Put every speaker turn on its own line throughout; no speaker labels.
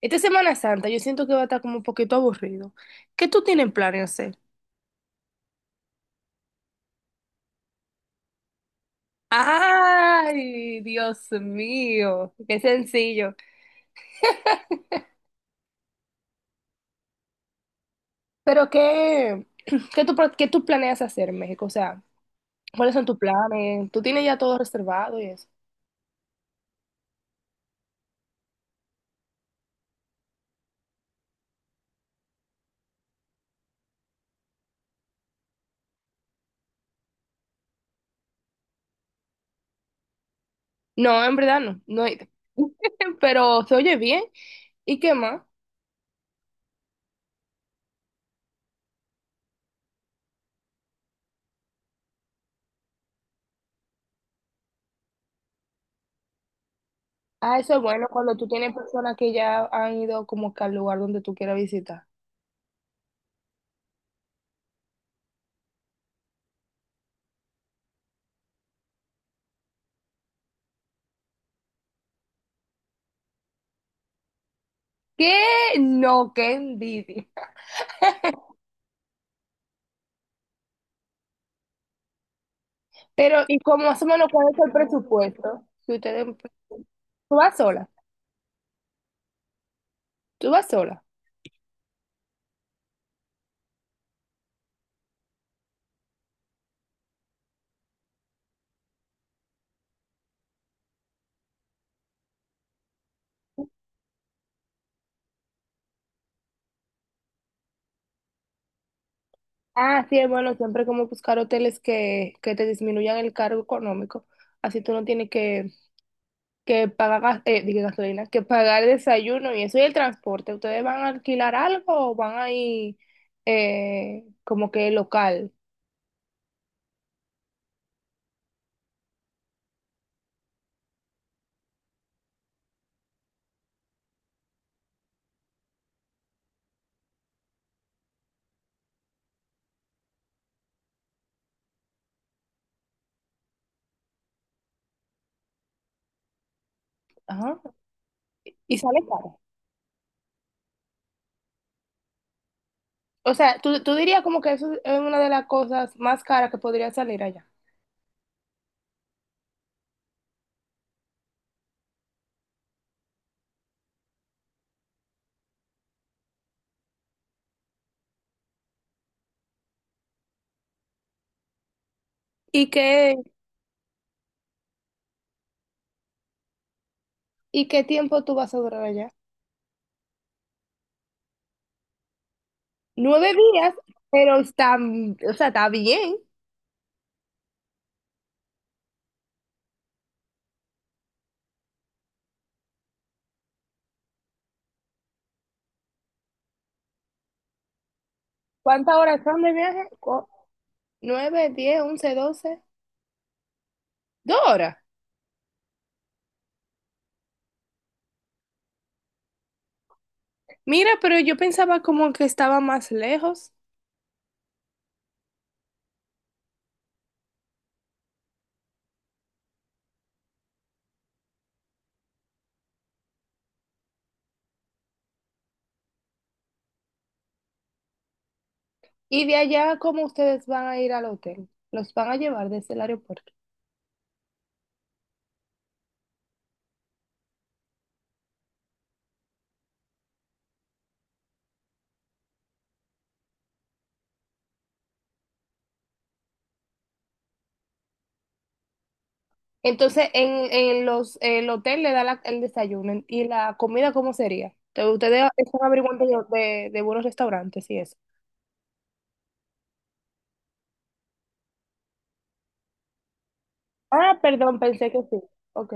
Esta Semana Santa yo siento que va a estar como un poquito aburrido. ¿Qué tú tienes planes hacer? Ay, Dios mío, qué sencillo. Pero qué, ¿qué tú planeas hacer en México? O sea, ¿cuáles son tus planes? ¿Tú tienes ya todo reservado y eso? No, en verdad no he ido. Pero se oye bien. ¿Y qué más? Ah, eso es bueno cuando tú tienes personas que ya han ido como que al lugar donde tú quieras visitar. ¿Qué? No, qué envidia. Pero, ¿y cómo más o menos cuál es el presupuesto? Si ustedes, ¿tú vas sola, tú vas sola. Ah, sí, bueno, siempre como buscar hoteles que te disminuyan el cargo económico. Así tú no tienes que pagar dije gasolina, que pagar desayuno y eso y el transporte. ¿Ustedes van a alquilar algo o van a ir como que local? Ajá. Y sale caro. O sea, tú dirías como que eso es una de las cosas más caras que podría salir allá. ¿Y qué, ¿y qué tiempo tú vas a durar allá? Nueve días, pero está, o sea, está bien. ¿Cuántas horas son de viaje? Nueve, diez, once, doce. Dos horas. Mira, pero yo pensaba como que estaba más lejos. Y de allá, ¿cómo ustedes van a ir al hotel? Los van a llevar desde el aeropuerto. Entonces, el hotel le da el desayuno. ¿Y la comida cómo sería? Entonces, ustedes están averiguando de buenos restaurantes y eso. Ah, perdón, pensé que sí. Ok.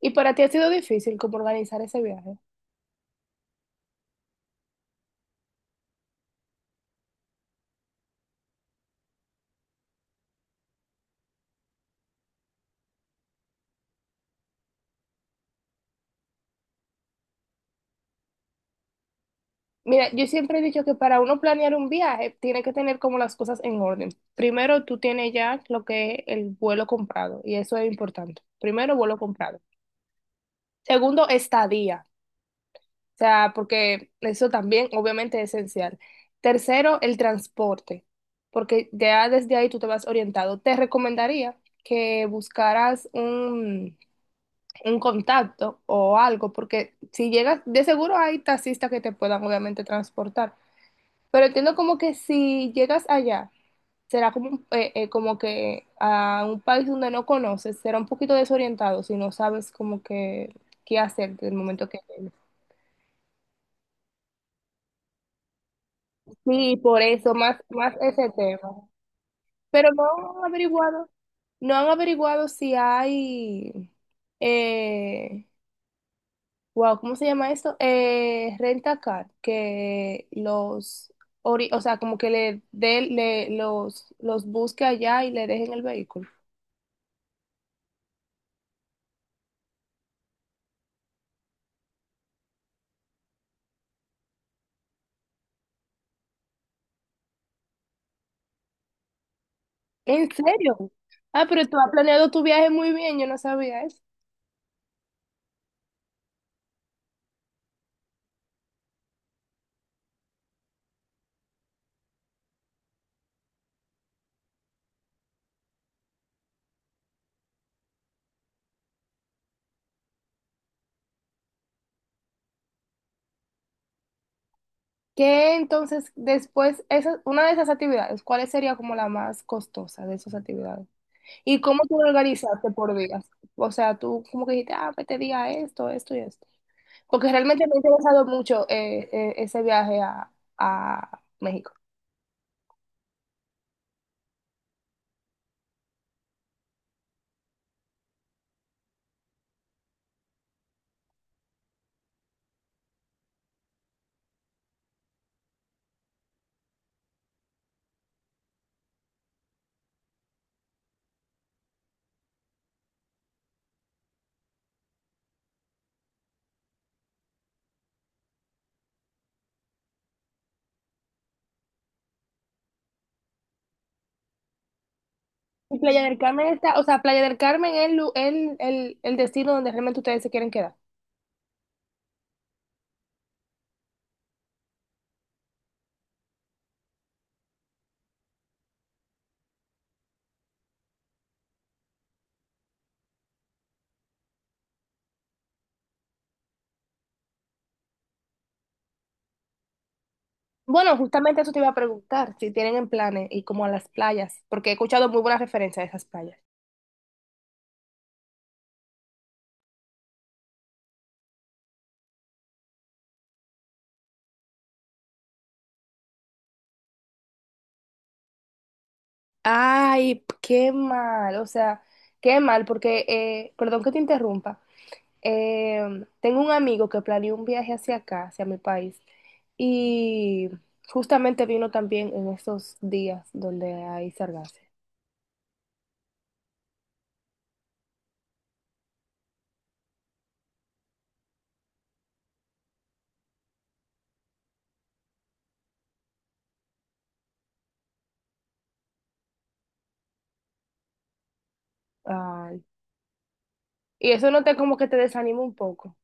¿Y para ti ha sido difícil como organizar ese viaje? Mira, yo siempre he dicho que para uno planear un viaje tiene que tener como las cosas en orden. Primero, tú tienes ya lo que es el vuelo comprado y eso es importante. Primero, vuelo comprado. Segundo, estadía. O sea, porque eso también obviamente es esencial. Tercero, el transporte, porque ya desde ahí tú te vas orientado. Te recomendaría que buscaras un contacto o algo, porque si llegas, de seguro hay taxistas que te puedan obviamente transportar. Pero entiendo como que si llegas allá, será como, como que a un país donde no conoces, será un poquito desorientado si no sabes como que qué hacer del momento que llegues. Sí, por eso, más ese tema. Pero no han averiguado, no han averiguado si hay, eh, wow, ¿cómo se llama esto? Renta car, o sea, como que le los busque allá y le dejen el vehículo. ¿En serio? Ah, pero tú has planeado tu viaje muy bien, yo no sabía eso. ¿Qué entonces después, esa, ¿una de esas actividades, cuál sería como la más costosa de esas actividades? ¿Y cómo tú lo organizaste por días? O sea, tú como que dijiste, ah, pues te diga esto, esto y esto. Porque realmente me ha interesado mucho ese viaje a México. Y Playa del Carmen está, o sea, Playa del Carmen es el, lu- el destino donde realmente ustedes se quieren quedar. Bueno, justamente eso te iba a preguntar, si tienen en planes y como a las playas, porque he escuchado muy buenas referencias de esas playas. Ay, qué mal, o sea, qué mal, porque, perdón que te interrumpa, eh, tengo un amigo que planeó un viaje hacia acá, hacia mi país, y justamente vino también en esos días donde hay sargazo. Ay, y eso no te como que te desanima un poco.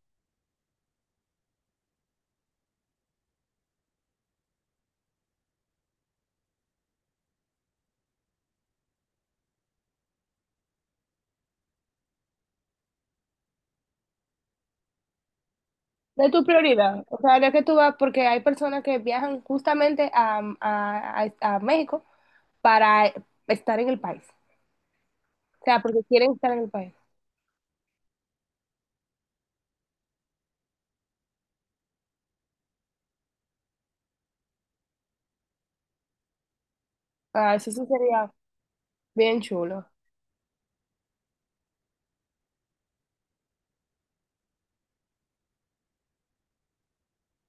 De tu prioridad, o sea, de que tú vas, porque hay personas que viajan justamente a México para estar en el país, o sea, porque quieren estar en el país. Ah, eso sí sería bien chulo.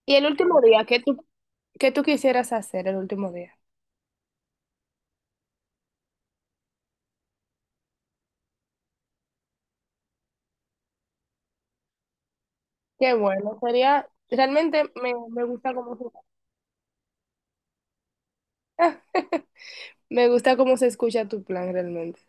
Y el último día, ¿qué tú quisieras hacer el último día? Qué bueno, sería, realmente me, me gusta cómo, se- Me gusta cómo se escucha tu plan realmente.